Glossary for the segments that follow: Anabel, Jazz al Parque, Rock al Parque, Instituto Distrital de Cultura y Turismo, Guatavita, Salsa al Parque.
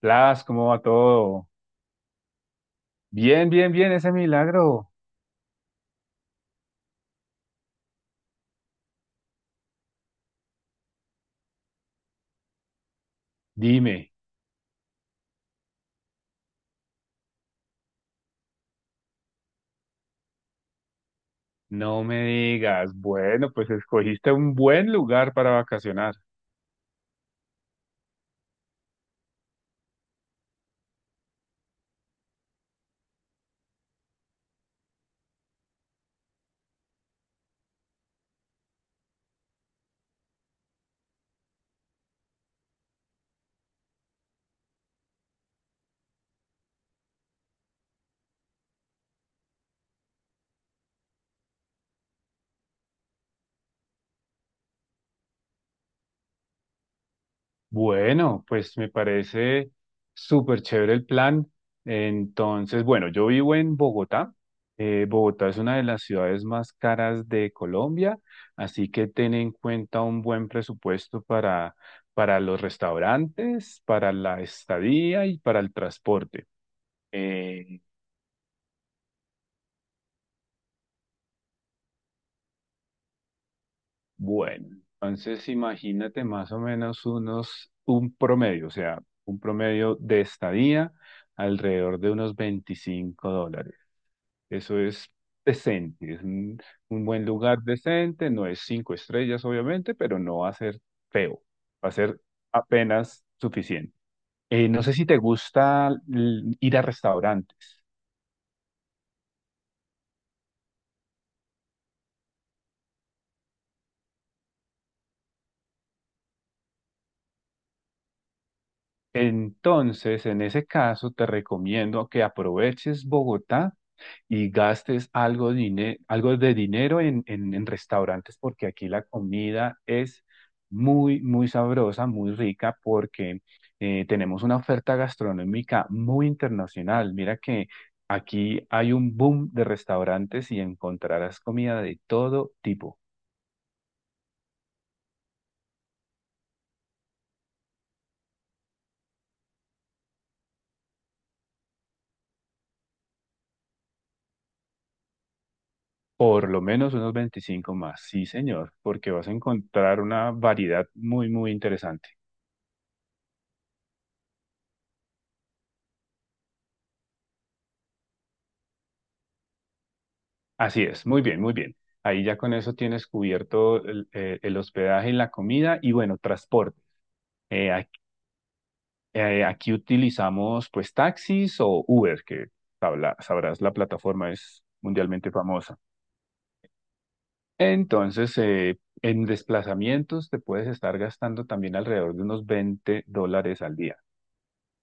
Blas, ¿cómo va todo? Bien, bien, bien, ese milagro. Dime, no me digas, bueno, pues escogiste un buen lugar para vacacionar. Bueno, pues me parece súper chévere el plan. Entonces, bueno, yo vivo en Bogotá. Bogotá es una de las ciudades más caras de Colombia, así que ten en cuenta un buen presupuesto para los restaurantes, para la estadía y para el transporte. Eh, Bueno, entonces imagínate más o menos un promedio, o sea, un promedio de estadía alrededor de unos $25. Eso es decente, es un buen lugar decente, no es cinco estrellas obviamente, pero no va a ser feo, va a ser apenas suficiente. No sé si te gusta ir a restaurantes. Entonces, en ese caso, te recomiendo que aproveches Bogotá y gastes algo, algo de dinero en restaurantes, porque aquí la comida es muy, muy sabrosa, muy rica, porque tenemos una oferta gastronómica muy internacional. Mira que aquí hay un boom de restaurantes y encontrarás comida de todo tipo. Por lo menos unos 25 más, sí, señor, porque vas a encontrar una variedad muy, muy interesante. Así es, muy bien, muy bien. Ahí ya con eso tienes cubierto el hospedaje y la comida y bueno, transporte. Eh, ac- aquí, utilizamos pues taxis o Uber, que sabrás, la plataforma es mundialmente famosa. Entonces, en desplazamientos te puedes estar gastando también alrededor de unos $20 al día,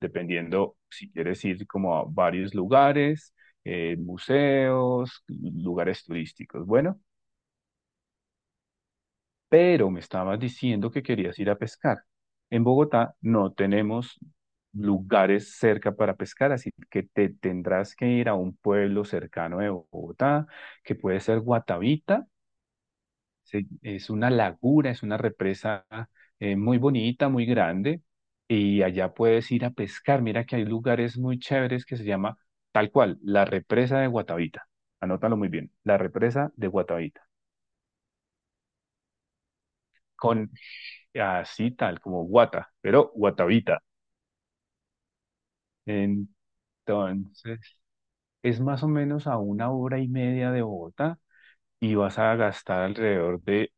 dependiendo si quieres ir como a varios lugares, museos, lugares turísticos. Bueno. Pero me estabas diciendo que querías ir a pescar. En Bogotá no tenemos lugares cerca para pescar, así que te tendrás que ir a un pueblo cercano de Bogotá, que puede ser Guatavita. Es una laguna, es una represa muy bonita, muy grande, y allá puedes ir a pescar. Mira que hay lugares muy chéveres que se llama tal cual, la represa de Guatavita. Anótalo muy bien, la represa de Guatavita. Con así tal, como Guata, pero Guatavita. Entonces, es más o menos a una hora y media de Bogotá y vas a gastar alrededor de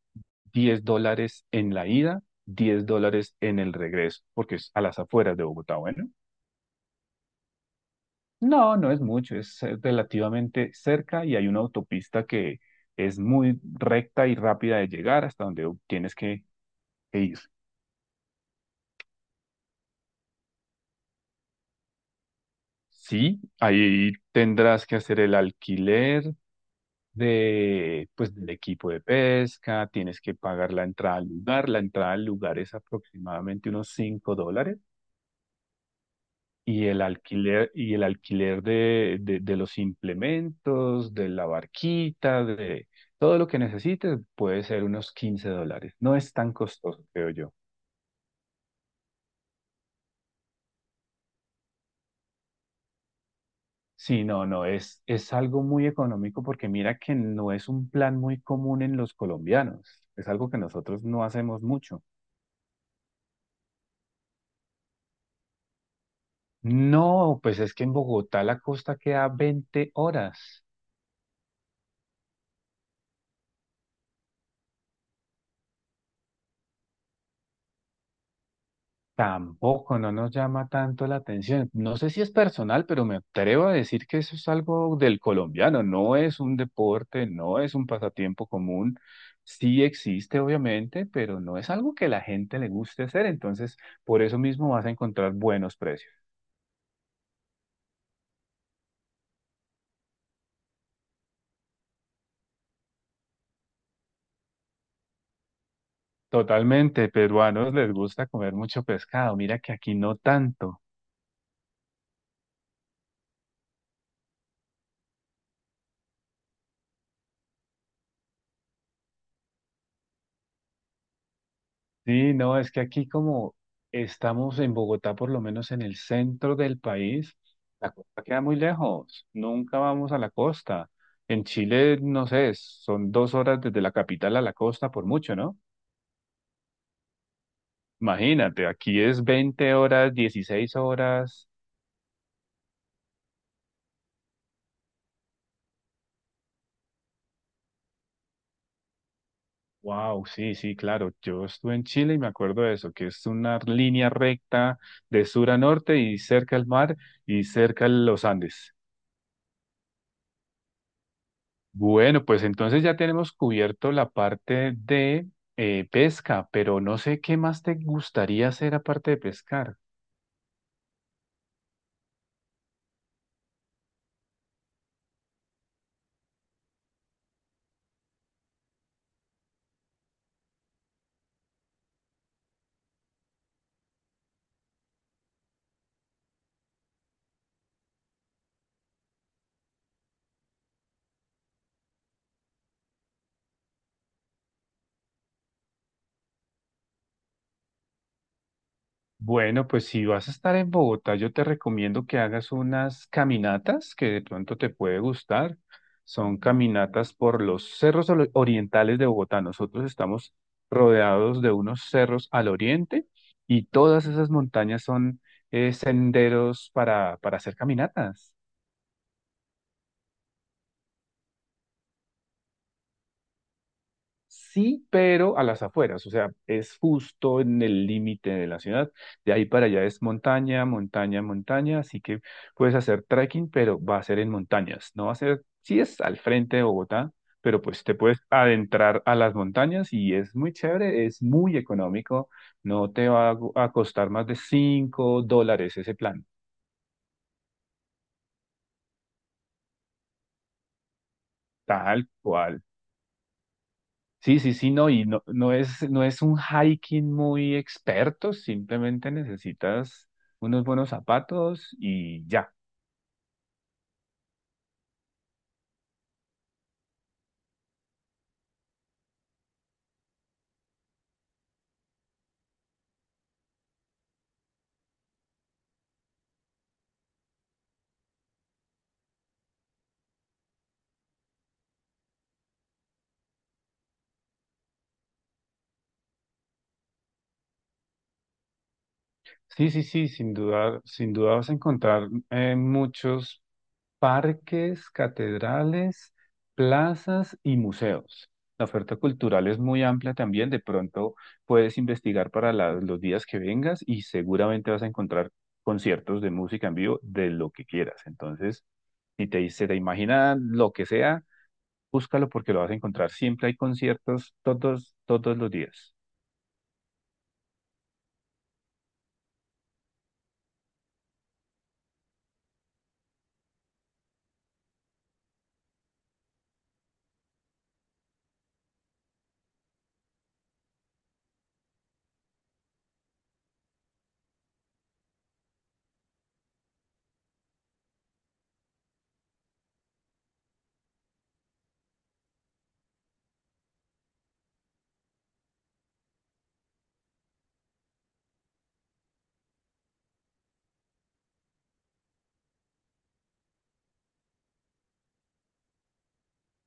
$10 en la ida, $10 en el regreso, porque es a las afueras de Bogotá, bueno. No, no es mucho, es relativamente cerca y hay una autopista que es muy recta y rápida de llegar hasta donde tienes que ir. Sí, ahí tendrás que hacer el alquiler, pues, del equipo de pesca, tienes que pagar la entrada al lugar. La entrada al lugar es aproximadamente unos $5 y el alquiler de los implementos, de la barquita, de todo lo que necesites puede ser unos $15. No es tan costoso, creo yo. Sí, no, no, es algo muy económico porque mira que no es un plan muy común en los colombianos. Es algo que nosotros no hacemos mucho. No, pues es que en Bogotá la costa queda 20 horas. Tampoco, no nos llama tanto la atención. No sé si es personal, pero me atrevo a decir que eso es algo del colombiano. No es un deporte, no es un pasatiempo común. Sí existe, obviamente, pero no es algo que la gente le guste hacer. Entonces, por eso mismo vas a encontrar buenos precios. Totalmente, peruanos les gusta comer mucho pescado. Mira que aquí no tanto. Sí, no, es que aquí como estamos en Bogotá, por lo menos en el centro del país, la costa queda muy lejos, nunca vamos a la costa. En Chile, no sé, son 2 horas desde la capital a la costa por mucho, ¿no? Imagínate, aquí es 20 horas, 16 horas. Wow, sí, sí, claro. Yo estuve en Chile y me acuerdo de eso, que es una línea recta de sur a norte y cerca al mar y cerca a los Andes. Bueno, pues entonces ya tenemos cubierto la parte de pesca, pero no sé qué más te gustaría hacer aparte de pescar. Bueno, pues si vas a estar en Bogotá, yo te recomiendo que hagas unas caminatas que de pronto te puede gustar. Son caminatas por los cerros orientales de Bogotá. Nosotros estamos rodeados de unos cerros al oriente y todas esas montañas son senderos para hacer caminatas. Sí, pero a las afueras, o sea, es justo en el límite de la ciudad. De ahí para allá es montaña, montaña, montaña, así que puedes hacer trekking, pero va a ser en montañas. No va a ser, sí es al frente de Bogotá, pero pues te puedes adentrar a las montañas y es muy chévere, es muy económico, no te va a costar más de $5 ese plan, tal cual. Sí, sí, sí, no, y no, no es un hiking muy experto, simplemente necesitas unos buenos zapatos y ya. Sí, sí, sí, sin duda, sin duda vas a encontrar muchos parques, catedrales, plazas y museos. La oferta cultural es muy amplia también, de pronto puedes investigar para los días que vengas y seguramente vas a encontrar conciertos de música en vivo de lo que quieras. Entonces, si te, se te imagina lo que sea, búscalo porque lo vas a encontrar. Siempre hay conciertos todos los días.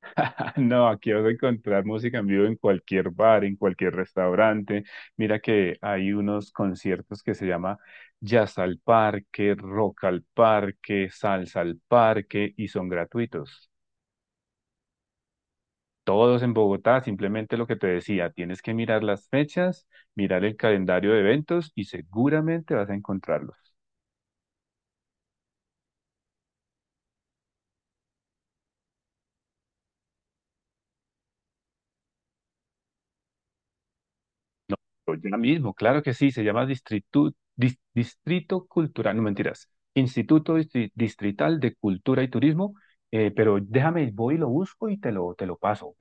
No, aquí vas a encontrar música en vivo en cualquier bar, en cualquier restaurante. Mira que hay unos conciertos que se llama Jazz al Parque, Rock al Parque, Salsa al Parque y son gratuitos. Todos en Bogotá, simplemente lo que te decía, tienes que mirar las fechas, mirar el calendario de eventos y seguramente vas a encontrarlos. Ya mismo, claro que sí, se llama Distrito Cultural, no mentiras, Instituto Distrital de Cultura y Turismo, pero déjame, voy y lo busco y te lo paso, ¿ok?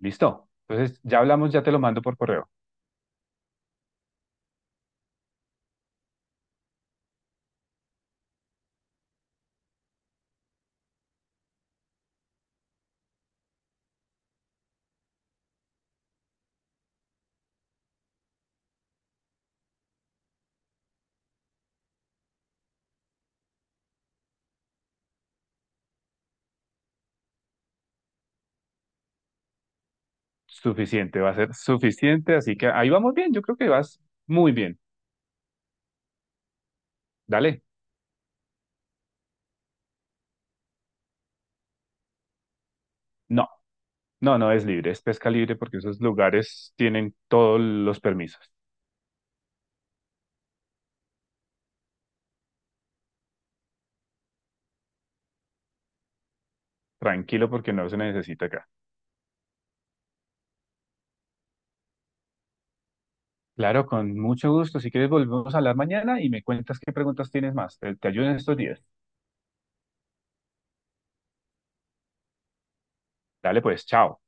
Listo. Entonces, ya hablamos, ya te lo mando por correo. Suficiente, va a ser suficiente, así que ahí vamos bien, yo creo que vas muy bien. Dale. No, no, no es libre, es pesca libre porque esos lugares tienen todos los permisos. Tranquilo porque no se necesita acá. Claro, con mucho gusto. Si quieres, volvemos a hablar mañana y me cuentas qué preguntas tienes más. Te ayudo en estos días. Dale pues, chao.